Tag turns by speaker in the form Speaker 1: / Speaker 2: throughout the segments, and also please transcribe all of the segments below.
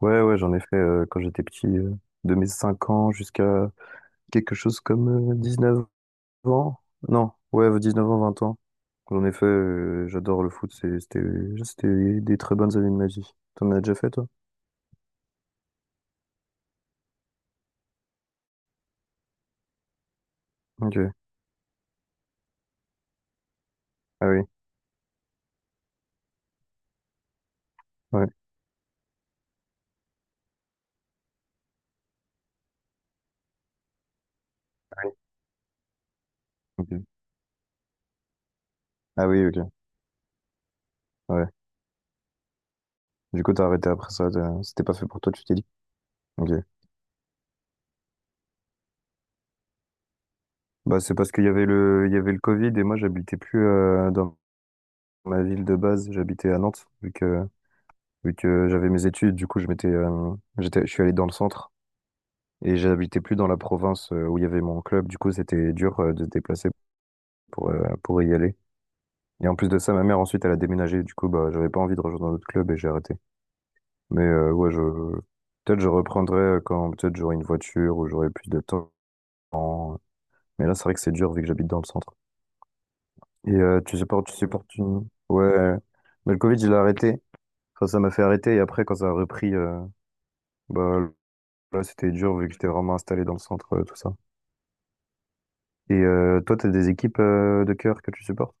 Speaker 1: Ouais, ouais, j'en ai fait quand j'étais petit, de mes 5 ans jusqu'à quelque chose comme 9 ans. Non, ouais, 19 ans, 20 ans. J'en ai fait, j'adore le foot, c'était des très bonnes années de ma vie. T'en as déjà fait, toi? Ok. Ah oui, ouais. Ah oui, ok. Ah oui, ok. Ouais. Du coup, t'as arrêté après ça, c'était pas fait pour toi, tu t'es dit? Ok. Bah, c'est parce qu'il y avait le Covid et moi, j'habitais plus dans ma ville de base, j'habitais à Nantes, vu que j'avais mes études, du coup, je suis allé dans le centre et j'habitais plus dans la province où il y avait mon club. Du coup, c'était dur de se déplacer pour y aller. Et en plus de ça, ma mère ensuite, elle a déménagé. Du coup, bah, j'avais pas envie de rejoindre un autre club et j'ai arrêté. Mais ouais, je peut-être je reprendrai quand peut-être j'aurai une voiture ou j'aurai plus de temps. Mais là, c'est vrai que c'est dur vu que j'habite dans le centre. Et tu supportes une... Ouais, mais le Covid, je l'ai arrêté. Enfin, ça m'a fait arrêter et après, quand ça a repris, bah, là, c'était dur vu que j'étais vraiment installé dans le centre, tout ça. Et toi, t'as des équipes de cœur que tu supportes?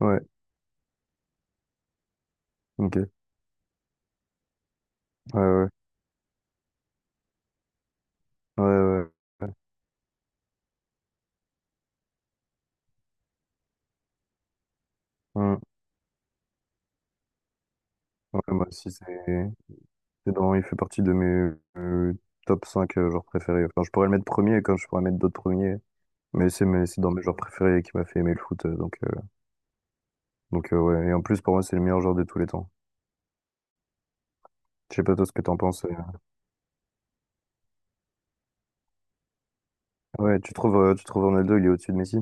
Speaker 1: Ouais, ok. Ouais, ouais, ouais, ouais, ouais. Hmm. Ouais, moi aussi, c'est dans, il fait partie de mes euh, top 5 genres préférés. Enfin, je pourrais le mettre premier comme je pourrais mettre d'autres premiers. Mais c'est dans mes genres préférés qui m'a fait aimer le foot. Donc ouais. Et en plus, pour moi, c'est le meilleur joueur de tous les temps. Je sais pas toi ce que t'en penses. Ouais, tu trouves Ronaldo, il est au-dessus de Messi?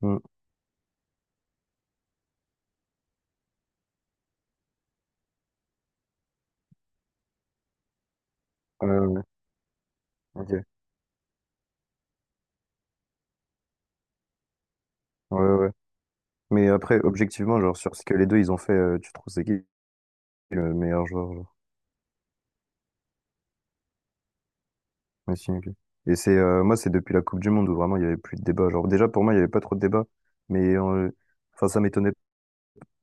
Speaker 1: Hmm. Ouais, ouais, ouais. Ok. Ouais, ouais. Mais après, objectivement, genre, sur ce que les deux ils ont fait, tu trouves c'est qui le meilleur joueur, genre, Messi MVP? Et moi, c'est depuis la Coupe du Monde où vraiment il y avait plus de débat. Genre, déjà, pour moi, il y avait pas trop de débat. Mais, euh, enfin, ça m'étonnait.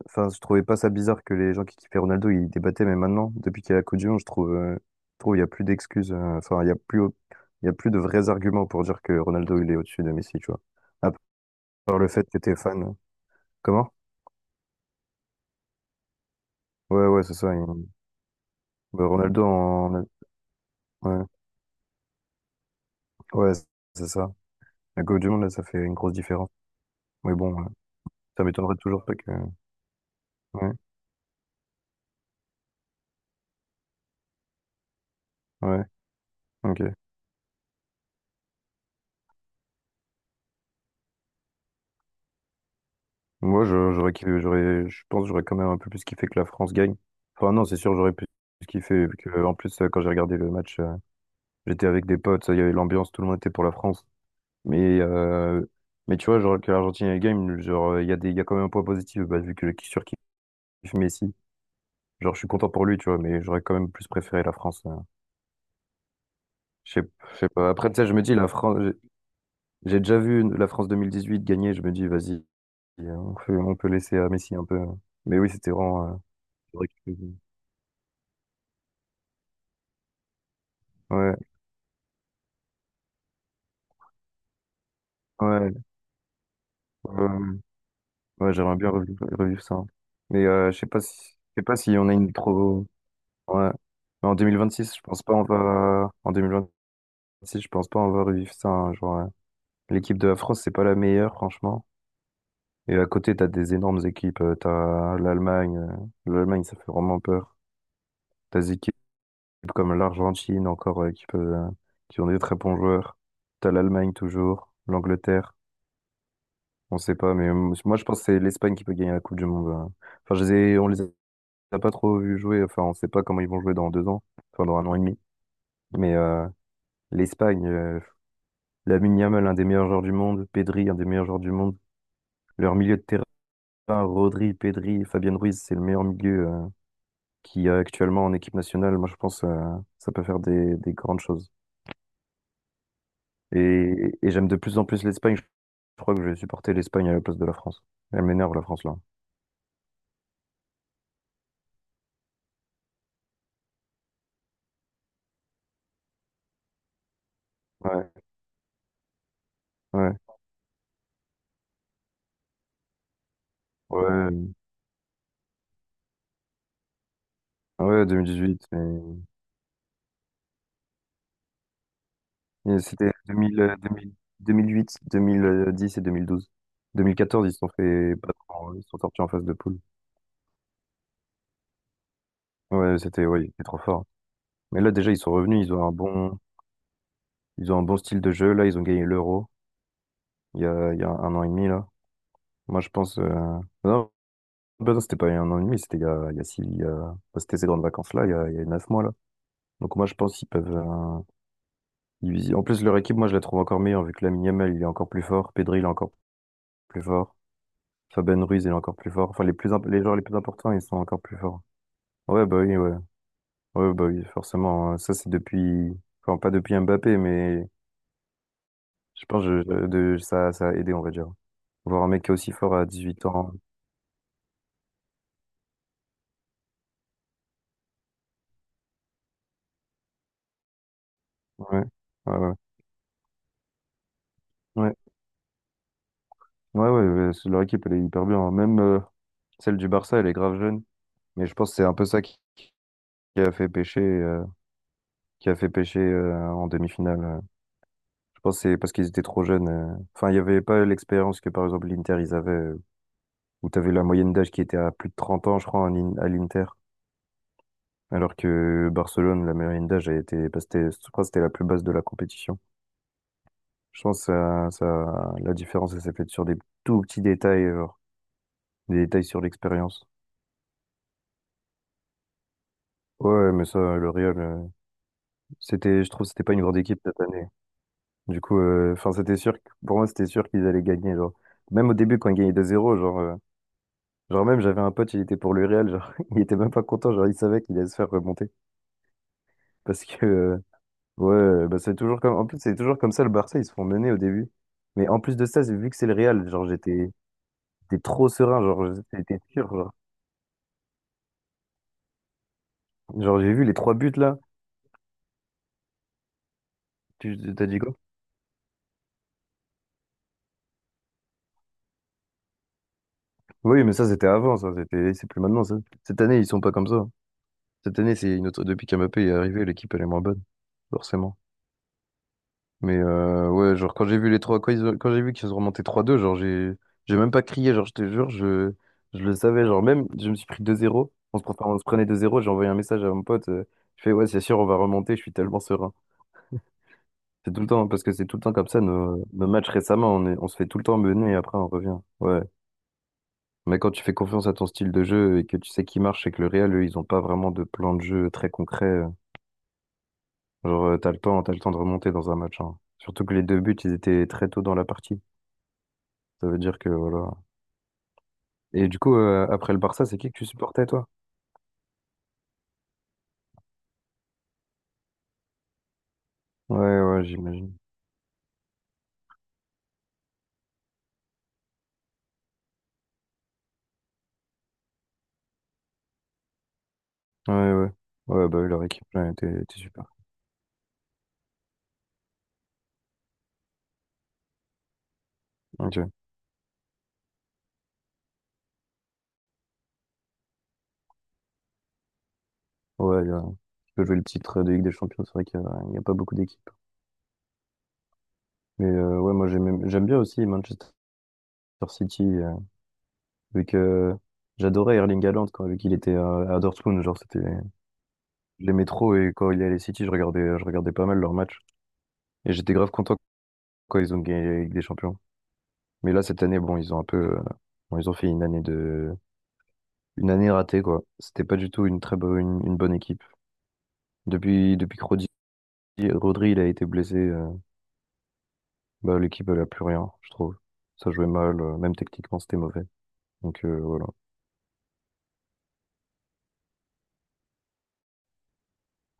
Speaker 1: Enfin, je trouvais pas ça bizarre que les gens qui kiffaient Ronaldo, ils débattaient. Mais maintenant, depuis qu'il y a la Coupe du Monde, je trouve, il y a plus d'excuses. Enfin, il y a plus de vrais arguments pour dire que Ronaldo, il est au-dessus de Messi, tu vois. À part le fait que t'es fan. Comment? Ouais, ouais, c'est ça. Bah, ouais, ouais, c'est ça. La Coupe du Monde, là, ça fait une grosse différence. Mais bon, ça m'étonnerait toujours pas que. Ouais, ouais, ok. Moi, j'aurais kiffé, j'aurais, je pense, que j'aurais quand même un peu plus kiffé que la France gagne. Enfin, non, c'est sûr, j'aurais plus kiffé. Vu que, en plus, quand j'ai regardé le match, j'étais avec des potes, il y avait l'ambiance, tout le monde était pour la France. Mais, euh, mais tu vois, genre, que l'Argentine elle gagne, genre, il y a quand même un point positif, bah, vu que je surkiffe Messi. Genre, je suis content pour lui, tu vois, mais j'aurais quand même plus préféré la France. je sais je sais pas. Après, tu sais, je me dis, la France. J'ai déjà vu la France 2018 gagner, je me dis, vas-y, hein, on peut laisser à Messi un peu, hein. Mais oui, c'était vraiment. C'est vrai que- Ouais, ouais, ouais, ouais, j'aimerais bien revivre ça. Mais je sais pas si on a une trop. Ouais. Mais en 2026, je pense pas on va. En 2026, je pense pas on va revivre ça, hein, genre, l'équipe de la France, c'est pas la meilleure, franchement. Et à côté, t'as des énormes équipes. T'as l'Allemagne. L'Allemagne, ça fait vraiment peur. T'as Zeke comme l'Argentine encore qui ont des très bons joueurs. T'as l'Allemagne toujours, l'Angleterre, on sait pas, mais moi je pense que c'est l'Espagne qui peut gagner la Coupe du Monde. Enfin, on les a pas trop vus jouer, enfin on sait pas comment ils vont jouer dans 2 ans, enfin dans un an et demi. Mais l'Espagne, Lamine Yamal, un des meilleurs joueurs du monde, Pedri, un des meilleurs joueurs du monde, leur milieu de terrain, Rodri, Pedri, Fabien Ruiz, c'est le meilleur milieu qui y a actuellement en équipe nationale. Moi je pense ça peut faire des grandes choses. Et, et j'aime de plus en plus l'Espagne. Je crois que je vais supporter l'Espagne à la place de la France. Elle m'énerve, la France, là. Ouais, ouais, ouais, ouais, 2018. Mais c'était 2000, 2008, 2010 et 2012. 2014, ils se sont fait battre, ils se sont sortis en phase de poule. Ouais, c'était trop fort. Mais là, déjà, ils sont revenus, ils ont un bon style de jeu. Là, ils ont gagné l'Euro il y a un an et demi, là. Moi, je pense, non, bah non, c'était pas il y a un an et demi, c'était il y a six, il y a- bah, c'était ces grandes vacances-là, il y a 9 mois, là. Donc moi je pense qu'ils peuvent diviser. En plus leur équipe, moi je la trouve encore meilleure vu que Lamine Yamal il est encore plus fort, Pedri il est encore plus fort, Fabian Ruiz il est encore plus fort. Enfin les joueurs les plus importants ils sont encore plus forts. Ouais, bah oui, ouais, ouais, bah oui, forcément, hein. Ça c'est depuis, enfin pas depuis Mbappé, mais je pense que de ça, ça a aidé, on va dire. Voir un mec qui est aussi fort à 18 ans. Ouais, ouais, ouais, ouais, ouais, ouais, ouais, leur équipe elle est hyper bien, hein. Même celle du Barça elle est grave jeune mais je pense que c'est un peu ça qui a fait pêcher. euh, qui a fait pêcher en demi-finale. Je pense que c'est parce qu'ils étaient trop jeunes. Enfin, il n'y avait pas l'expérience que, par exemple, l'Inter, ils avaient, où tu avais la moyenne d'âge qui était à plus de 30 ans, je crois, à l'Inter. Alors que Barcelone, la moyenne d'âge a été, bah, c'était, je crois que c'était la plus basse de la compétition. Je pense que ça, la différence, elle s'est faite sur des tout petits détails, genre, des détails sur l'expérience. Ouais, mais ça, le Real, c'était, je trouve, que c'était pas une grande équipe cette année. Du coup, enfin, pour moi, c'était sûr qu'ils allaient gagner, genre. Même au début, quand ils gagnaient 2 zéro, genre, genre même j'avais un pote, il était pour le Real, genre il était même pas content, genre il savait qu'il allait se faire remonter. Parce que ouais, ouais, bah c'est toujours comme. En plus c'est toujours comme ça le Barça, ils se font mener au début. Mais en plus de ça, vu que c'est le Real, genre j'étais trop serein, genre j'étais sûr, genre. Genre j'ai vu les trois buts là. Tu t'as dit quoi? Oui, mais ça c'était avant, ça, c'est plus maintenant ça. Cette année, ils sont pas comme ça. Cette année, c'est une autre depuis qu'Mbappé est arrivé, l'équipe elle est moins bonne, forcément. Mais ouais, genre quand j'ai vu qu'ils ont remonté 3-2, genre j'ai même pas crié, genre je te jure, je le savais, genre même je me suis pris 2-0, on se prenait 2-0, j'ai envoyé un message à mon pote, je fais ouais, c'est sûr, on va remonter, je suis tellement serein. C'est tout le temps, hein, parce que c'est tout le temps comme ça, nos matchs récemment, on se fait tout le temps mener et après on revient. Ouais. Mais quand tu fais confiance à ton style de jeu et que tu sais qui marche et que le Real, eux, ils ont pas vraiment de plan de jeu très concret, genre t'as le temps de remonter dans un match, hein. Surtout que les deux buts, ils étaient très tôt dans la partie. Ça veut dire que voilà. Et du coup, après le Barça, c'est qui que tu supportais, toi? Ouais, ouais, j'imagine. Ouais, ouais. Ouais, bah oui, leur équipe, là, était super. Ok. Ouais, tu peux jouer le titre de Ligue des Champions, c'est vrai il y a pas beaucoup d'équipes. Mais ouais, moi, j'aime bien aussi Manchester City, vu que j'adorais Erling Haaland, quand, vu qu'il était à Dortmund, genre, c'était, j'aimais trop, et quand il allait City, je regardais pas mal leurs matchs. Et j'étais grave content quand ils ont gagné la Ligue des Champions. Mais là, cette année, bon, ils ont un peu, bon, ils ont fait une année ratée, quoi. C'était pas du tout une très bonne, une bonne équipe. Depuis que Rodri, il a été blessé, bah, l'équipe, elle a plus rien, je trouve. Ça jouait mal, même techniquement, c'était mauvais. Donc voilà.